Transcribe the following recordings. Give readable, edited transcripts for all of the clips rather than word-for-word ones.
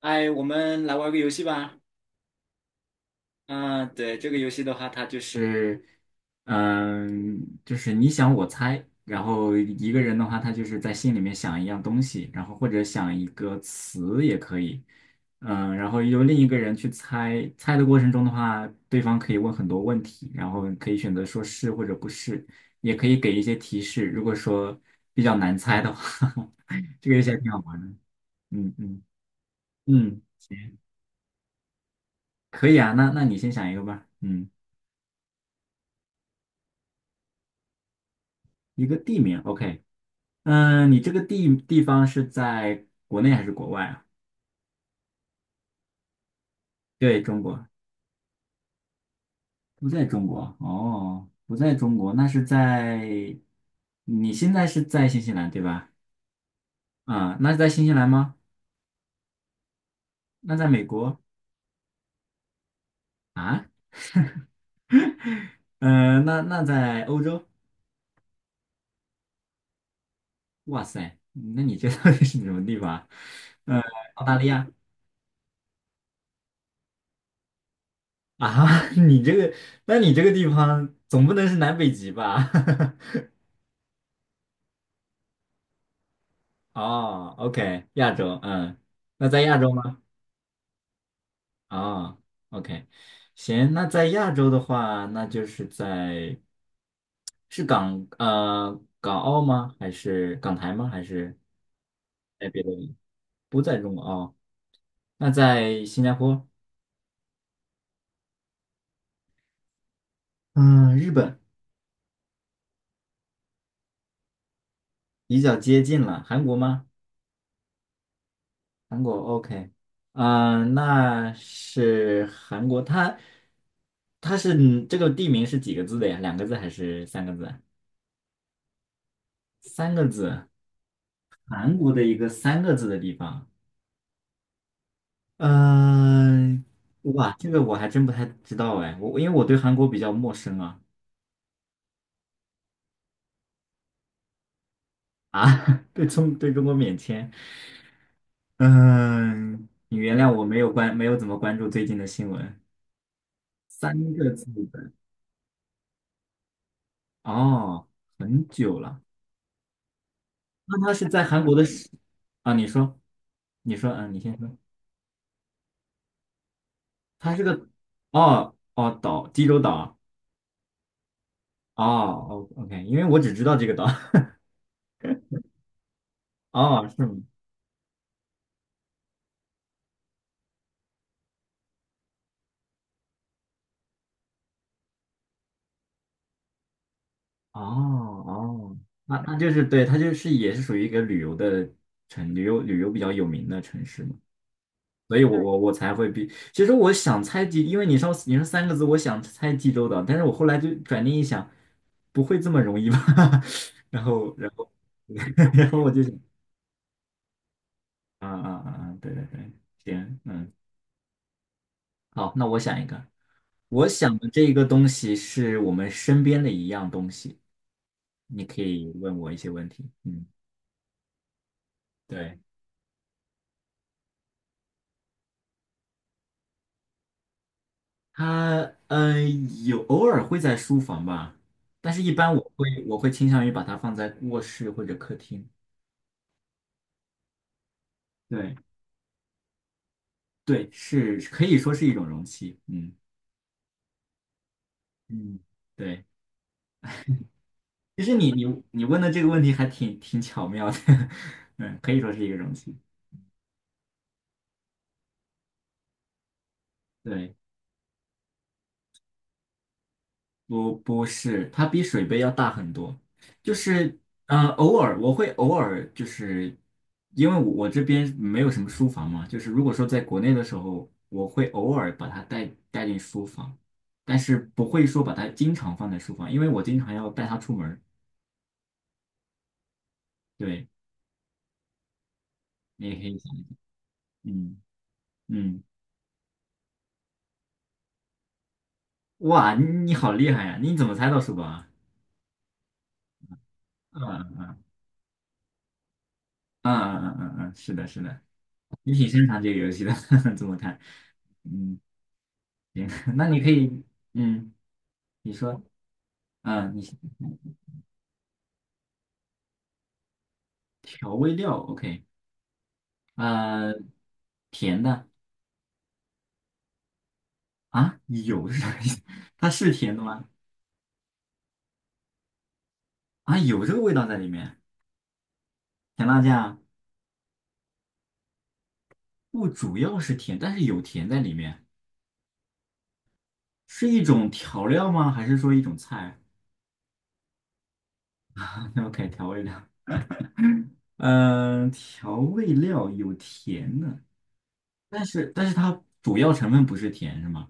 哎，我们来玩个游戏吧。嗯、对，这个游戏的话，它就是，就是你想我猜，然后一个人的话，他就是在心里面想一样东西，然后或者想一个词也可以，然后由另一个人去猜，猜的过程中的话，对方可以问很多问题，然后可以选择说是或者不是，也可以给一些提示。如果说比较难猜的话，这个游戏还挺好玩的。嗯嗯嗯，可以啊，那你先想一个吧。嗯，一个地名，OK。嗯，你这个地方是在国内还是国外啊？对，中国，不在中国。哦，不在中国，那是在，你现在是在新西兰对吧？啊，那是在新西兰吗？那在美国？那在欧洲？哇塞，那你这到底是什么地方啊？呃，澳大利亚。啊？你这个，那你这个地方总不能是南北极吧？哦，OK，亚洲，嗯，那在亚洲吗？哦，OK，行，那在亚洲的话，那就是在是港澳吗？还是港台吗？还是在别的地不在中国哦？那在新加坡，嗯，日本比较接近了，韩国吗？韩国 OK，那是韩国，它是这个地名是几个字的呀？两个字还是三个字？三个字，韩国的一个三个字的地方。嗯、哇，这个我还真不太知道哎，因为我对韩国比较陌生啊啊，对中国免签。嗯、你原谅我没有没有怎么关注最近的新闻。三个字的哦，很久了。那他是在韩国的是啊？你说，你说，嗯，你先说。它是个哦哦岛，济州岛。哦哦，OK，因为我只知道这个岛。哦，是吗？哦哦，那那就是对，它就是也是属于一个旅游的城，旅游比较有名的城市嘛，所以我对我我才会比，其实我想猜济，因为你说三个字，我想猜济州岛，但是我后来就转念一想，不会这么容易吧？然后 然后我就想，啊啊啊啊，对对对，行，嗯，好，那我想一个，我想的这个东西是我们身边的一样东西，你可以问我一些问题，嗯，对。它有偶尔会在书房吧，但是一般我会倾向于把它放在卧室或者客厅。对对，是可以说是一种容器。嗯嗯，对，其实你你问的这个问题还挺巧妙的，嗯，可以说是一个容器。对。不是，它比水杯要大很多。就是呃，偶尔就是，因为我这边没有什么书房嘛，就是如果说在国内的时候，我会偶尔把它带进书房，但是不会说把它经常放在书房，因为我经常要带它出门儿对，你也可以想一想嗯嗯，哇，你好厉害呀！你怎么猜到书包啊？嗯嗯嗯嗯嗯嗯，是的，是的，你挺擅长这个游戏的，这么看，嗯。行，那你可以，嗯，你说，啊、你调味料，OK，呃，甜的啊，有是啥意思？它是甜的吗？啊，有这个味道在里面，甜辣酱不主要是甜，但是有甜在里面，是一种调料吗？还是说一种菜 啊？OK，调味料，嗯、调味料有甜的，但是它主要成分不是甜，是吗？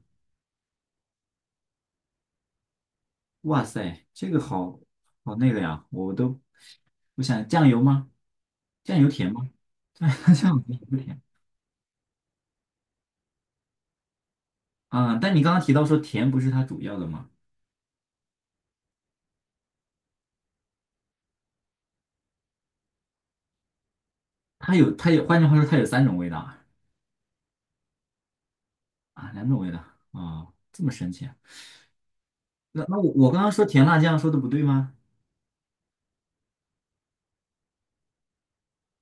哇塞，这个好好那个呀，我都我想酱油吗？酱油甜吗？酱 酱油不甜啊，但你刚刚提到说甜不是它主要的吗？它有，换句话说它有三种味道啊，啊两种味道啊，这么神奇啊？那那我刚刚说甜辣酱说的不对吗？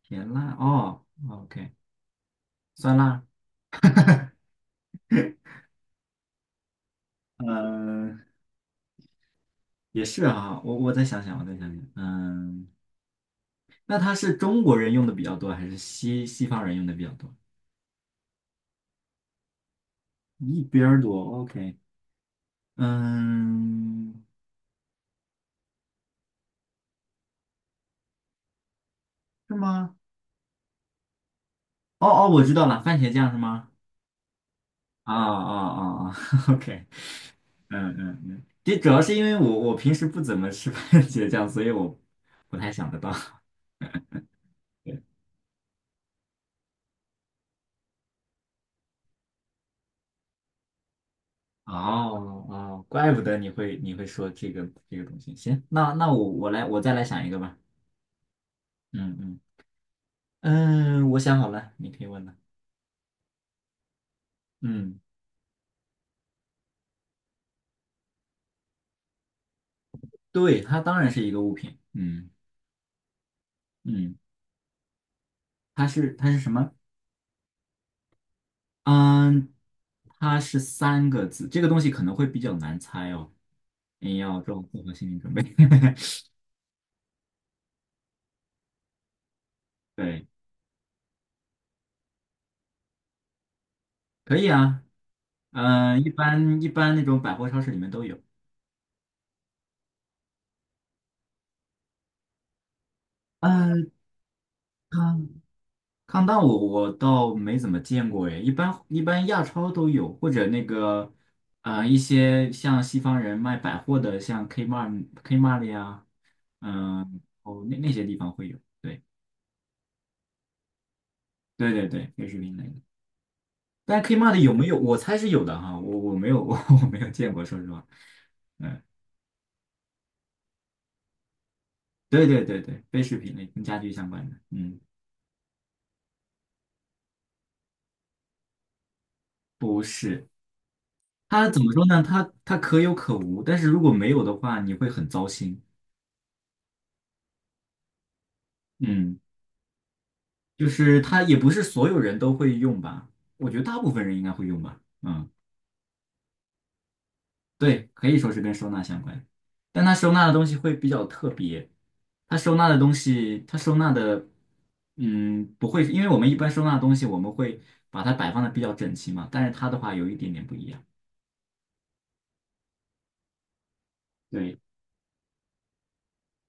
甜辣哦哦，OK，酸辣，嗯，也是啊，我再想想，我再想想，嗯，那它是中国人用的比较多，还是西方人用的比较多？一边儿多，OK，嗯，是吗？哦哦，我知道了，番茄酱是吗？啊啊啊啊 ，OK，嗯嗯嗯，这主要是因为我平时不怎么吃番茄酱，所以我不太想得到。对，哦哦，怪不得你会说这个这个东西。行，那那我再来想一个吧。嗯嗯嗯，我想好了，你可以问了。嗯，对，它当然是一个物品。嗯嗯，它是什么？嗯，它是三个字，这个东西可能会比较难猜哦，你要做好心理准备。对，可以啊，嗯，一般一般那种百货超市里面都有。呃，抗抗弹我倒没怎么见过诶，一般一般亚超都有，或者那个呃一些像西方人卖百货的，像 Kmart 呀，哦那那些地方会有，对对对对，奢侈品类的。但 Kmart 有没有？我猜是有的哈，我 我没有见过，说实话。嗯，对对对对，非食品类跟家居相关的，嗯，不是。它怎么说呢？它可有可无，但是如果没有的话，你会很糟心。嗯，就是它也不是所有人都会用吧？我觉得大部分人应该会用吧。嗯。对，可以说是跟收纳相关，但它收纳的东西会比较特别。它收纳的东西，它收纳的，嗯，不会，因为我们一般收纳的东西，我们会把它摆放的比较整齐嘛，但是它的话有一点点不一样。对，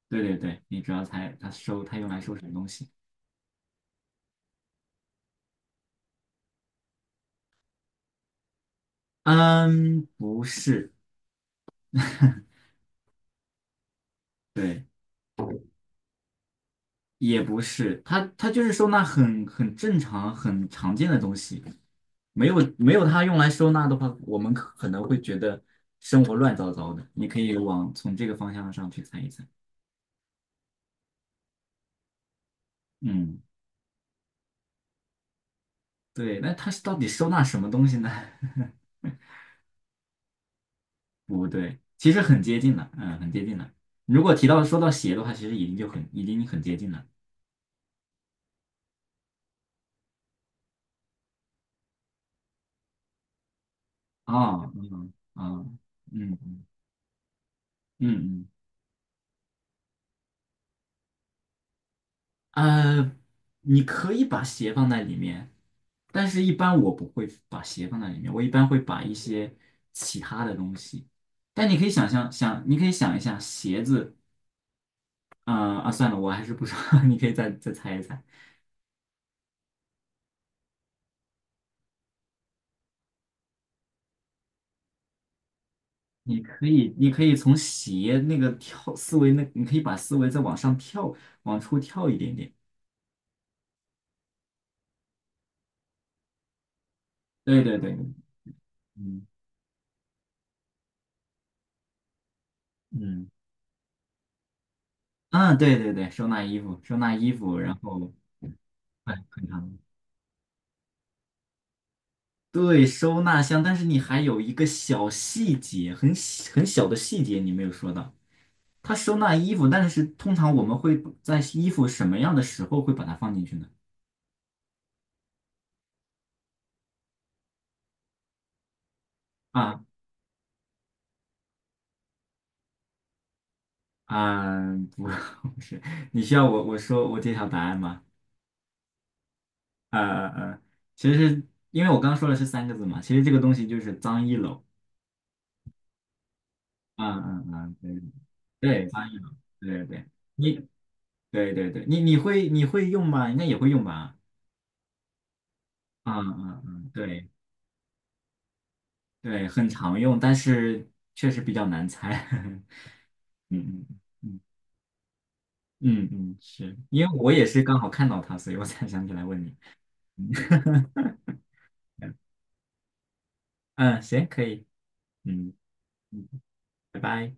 对对对，你主要猜它收，它用来收什么东西？嗯，不是，对。也不是，它它就是收纳很正常、很常见的东西，没有它用来收纳的话，我们可能会觉得生活乱糟糟的。你可以往从这个方向上去猜一猜。嗯，对，那它是到底收纳什么东西呢？不对，其实很接近了，嗯，很接近了。如果提到说到鞋的话，其实已经就很已经很接近了。哦，嗯哦嗯嗯嗯嗯。嗯呃，你可以把鞋放在里面，但是一般我不会把鞋放在里面，我一般会把一些其他的东西。但你可以想象，想你可以想一下鞋子，呃啊，算了，我还是不说，你可以再猜一猜。你可以，你可以从鞋那个跳思维那，你可以把思维再往上跳，往出跳一点点。对对对，嗯嗯嗯，对对对，收纳衣服，收纳衣服，然后哎，很长。对，收纳箱，但是你还有一个小细节，很小很小的细节你没有说到，它收纳衣服，但是通常我们会在衣服什么样的时候会把它放进去呢？啊啊，不，不是，你需要我揭晓答案吗？呃呃呃，其实因为我刚刚说的是三个字嘛，其实这个东西就是脏衣篓。嗯嗯嗯，对对，脏衣篓，对对你对对对，你会用吗？应该也会用吧？嗯嗯嗯，对。对，很常用，但是确实比较难猜。嗯嗯嗯嗯嗯，是因为我也是刚好看到它，所以我才想起来问你。嗯，行，可以。嗯，嗯拜拜。